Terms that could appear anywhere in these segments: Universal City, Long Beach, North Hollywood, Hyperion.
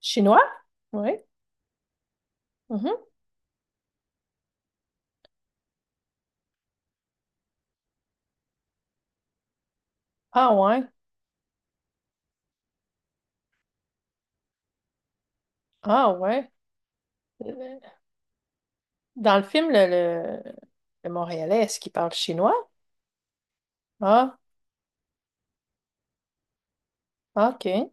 Chinois? Oui. Mhm. Ah ouais. Ah ouais. Euh, Dans le film, le Montréalais, est-ce qu'il parle chinois? Ah, OK.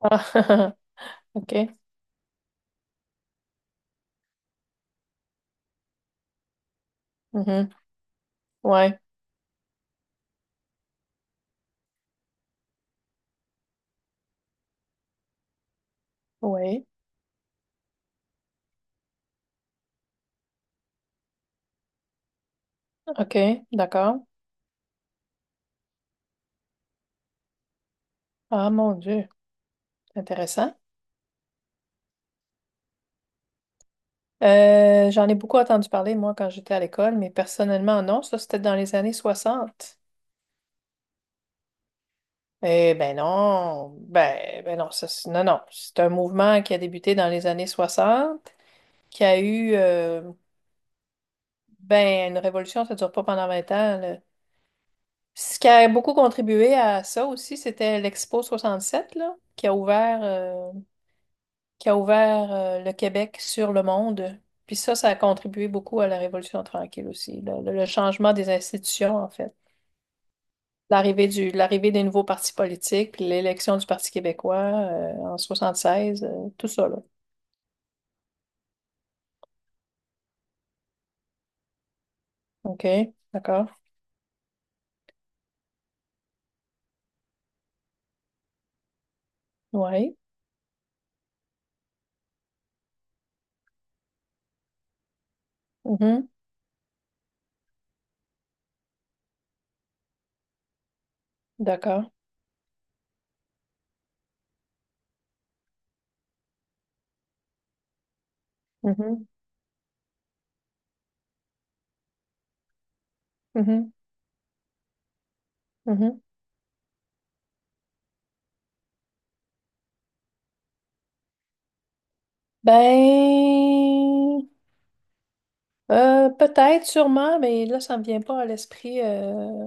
Ah, OK. Mhm. Ouais. Oui. OK. D'accord. Ah mon Dieu. Intéressant. J'en ai beaucoup entendu parler, moi, quand j'étais à l'école, mais personnellement, non. Ça, c'était dans les années 60. Eh ben non. Ben, non, ça, non, non. C'est un mouvement qui a débuté dans les années 60, qui a eu. Ben, une révolution, ça dure pas pendant 20 ans, là. Ce qui a beaucoup contribué à ça aussi, c'était l'Expo 67 là, qui a ouvert le Québec sur le monde. Puis ça a contribué beaucoup à la Révolution tranquille aussi, là, le changement des institutions, en fait. L'arrivée des nouveaux partis politiques, puis l'élection du Parti québécois en 76, tout ça, là. OK, d'accord. Oui. D'accord. Mhm. Mhm. Mhm. Ben, peut-être, sûrement, mais là, ça me vient pas à l'esprit.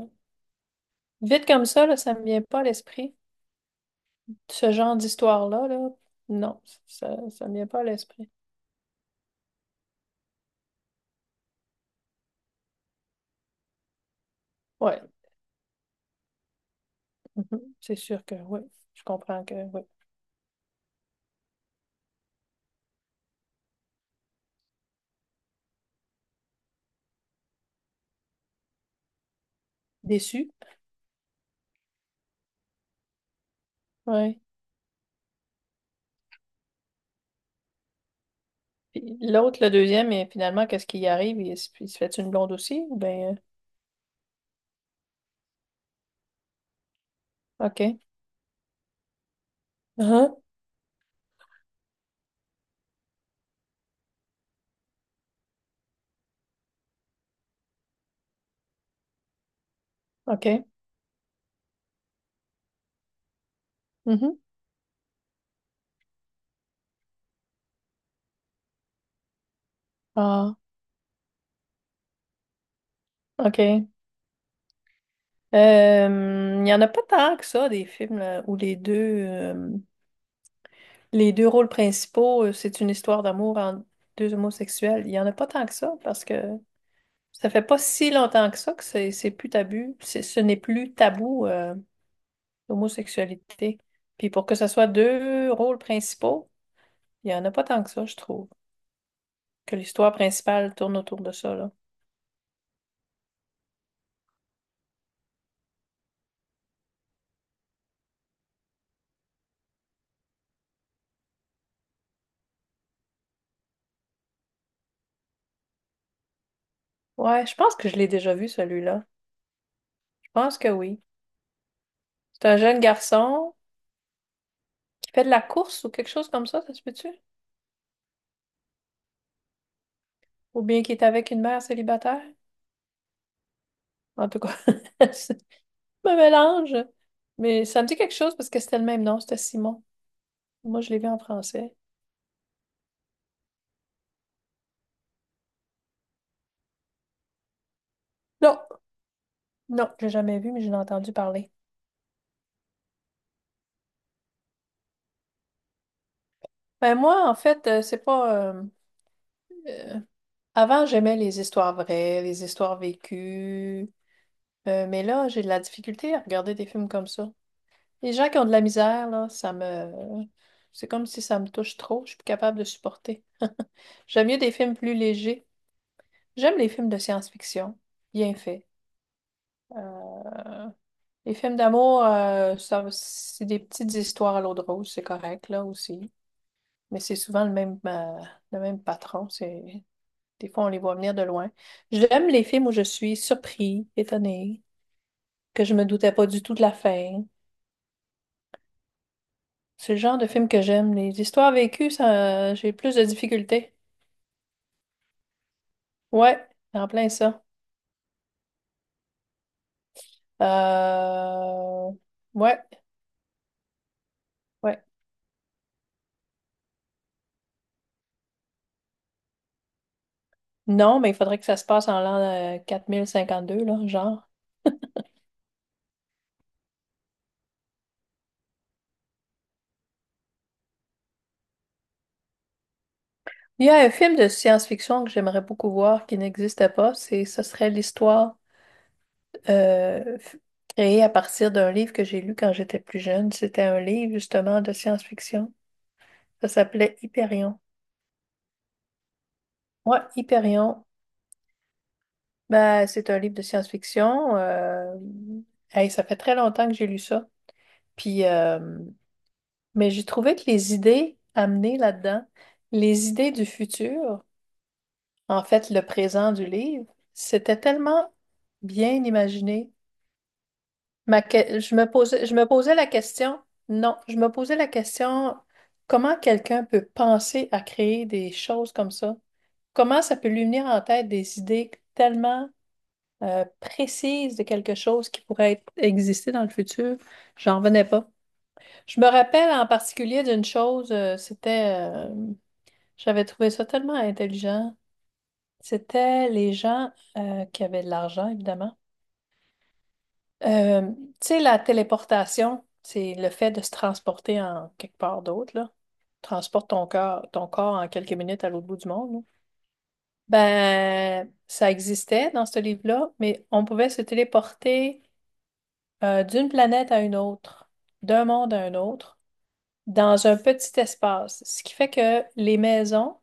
Vite comme ça, là, ça me vient pas à l'esprit. Ce genre d'histoire-là, là, non, ça me vient pas à l'esprit. Ouais, mhm, c'est sûr que oui, je comprends que oui. Déçu, ouais. Puis l'autre, le deuxième, et finalement, qu'est-ce qui y arrive? Il se fait une blonde aussi? Ou Ben, OK. Uhum, OK. mhm. Ah, OK. Il y en a pas tant que ça, des films là, où les deux... euh, Les deux rôles principaux, c'est une histoire d'amour entre deux homosexuels. Il n'y en a pas tant que ça parce que ça fait pas si longtemps que ça que c'est plus tabou. Ce n'est plus tabou, l'homosexualité. Puis pour que ce soit deux rôles principaux, il n'y en a pas tant que ça, je trouve. Que l'histoire principale tourne autour de ça, là. Ouais, je pense que je l'ai déjà vu, celui-là. Je pense que oui. C'est un jeune garçon qui fait de la course ou quelque chose comme ça se peut-tu? Ou bien qu'il est avec une mère célibataire. En tout cas, je me mélange. Mais ça me dit quelque chose parce que c'était le même nom, c'était Simon. Moi, je l'ai vu en français. Non, non, j'ai jamais vu, mais j'en ai entendu parler. Ben moi, en fait, c'est pas... euh, Avant, j'aimais les histoires vraies, les histoires vécues. Mais là, j'ai de la difficulté à regarder des films comme ça. Les gens qui ont de la misère, là, ça me... C'est comme si ça me touche trop, je suis plus capable de supporter. J'aime mieux des films plus légers. J'aime les films de science-fiction, bien faits. Euh, les films d'amour, c'est des petites histoires à l'eau de rose, c'est correct, là aussi. Mais c'est souvent le même patron. C'est... Des fois, on les voit venir de loin. J'aime les films où je suis surpris, étonné, que je me doutais pas du tout de la fin. C'est le genre de film que j'aime. Les histoires vécues, ça, j'ai plus de difficultés. Ouais, en plein ça. Euh... Ouais, ouais. Non, mais il faudrait que ça se passe en l'an deux là, genre. Il y a un film de science-fiction que j'aimerais beaucoup voir qui n'existe pas. C'est, ce serait l'histoire euh, f- créée à partir d'un livre que j'ai lu quand j'étais plus jeune. C'était un livre justement de science-fiction. Ça s'appelait Hyperion. Ouais, Hyperion. Ben, c'est un livre de science-fiction. Hey, ça fait très longtemps que j'ai lu ça. Puis, mais j'ai trouvé que les idées amenées là-dedans, les idées du futur. En fait, le présent du livre, c'était tellement bien imaginé. Je me posais la question, non, je me posais la question, comment quelqu'un peut penser à créer des choses comme ça? Comment ça peut lui venir en tête des idées tellement précises de quelque chose qui pourrait exister dans le futur? J'en revenais pas. Je me rappelle en particulier d'une chose, c'était, j'avais trouvé ça tellement intelligent. C'était les gens qui avaient de l'argent, évidemment. Euh, Tu sais, la téléportation, c'est le fait de se transporter en quelque part d'autre, là. Transporte ton corps en quelques minutes à l'autre bout du monde, là. Ben, ça existait dans ce livre-là, mais on pouvait se téléporter d'une planète à une autre, d'un monde à un autre, dans un petit espace. Ce qui fait que les maisons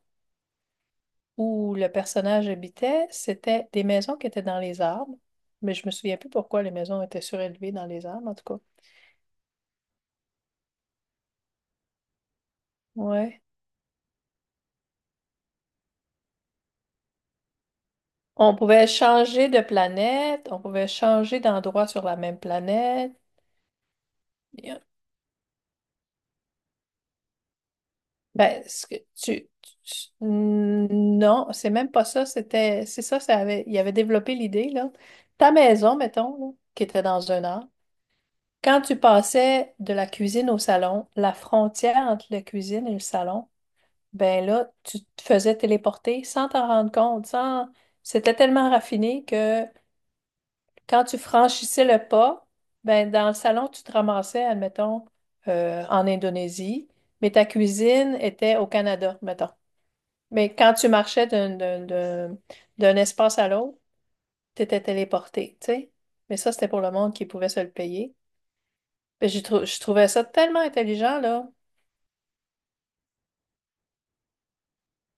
où le personnage habitait, c'était des maisons qui étaient dans les arbres, mais je me souviens plus pourquoi les maisons étaient surélevées dans les arbres, en tout cas. Ouais. On pouvait changer de planète, on pouvait changer d'endroit sur la même planète. Il y a- Ben, ce que tu- non, c'est même pas ça, c'était, c'est ça, ça avait, il avait développé l'idée, là. Ta maison, mettons, là, qui était dans un arbre, quand tu passais de la cuisine au salon, la frontière entre la cuisine et le salon, ben là, tu te faisais téléporter sans t'en rendre compte, sans... C'était tellement raffiné que quand tu franchissais le pas, ben dans le salon, tu te ramassais, admettons, en Indonésie, mais ta cuisine était au Canada, mettons. Mais quand tu marchais d'un espace à l'autre, tu étais téléporté, tu sais. Mais ça, c'était pour le monde qui pouvait se le payer. Ben, je trouvais ça tellement intelligent, là.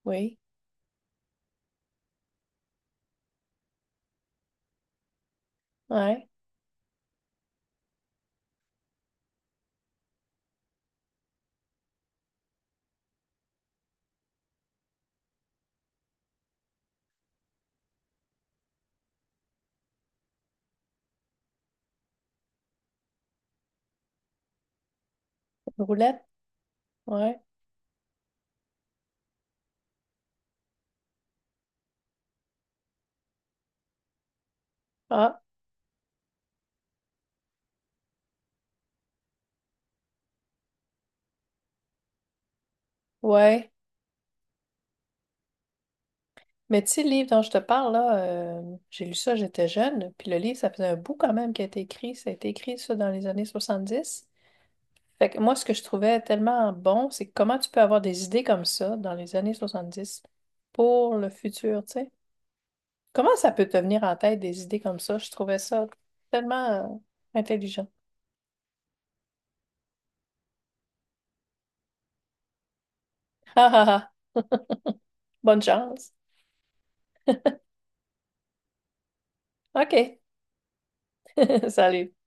Oui, ouais. Une roulette, ouais. Ah, ouais. Mais tu sais, le livre dont je te parle, là, j'ai lu ça, j'étais jeune, puis le livre, ça faisait un bout quand même qui a été écrit. Ça a été écrit, ça, dans les années soixante-dix. Fait que moi, ce que je trouvais tellement bon, c'est comment tu peux avoir des idées comme ça dans les années 70 pour le futur, tu sais. Comment ça peut te venir en tête des idées comme ça? Je trouvais ça tellement intelligent. Ah ah ah! Bonne chance. OK. Salut.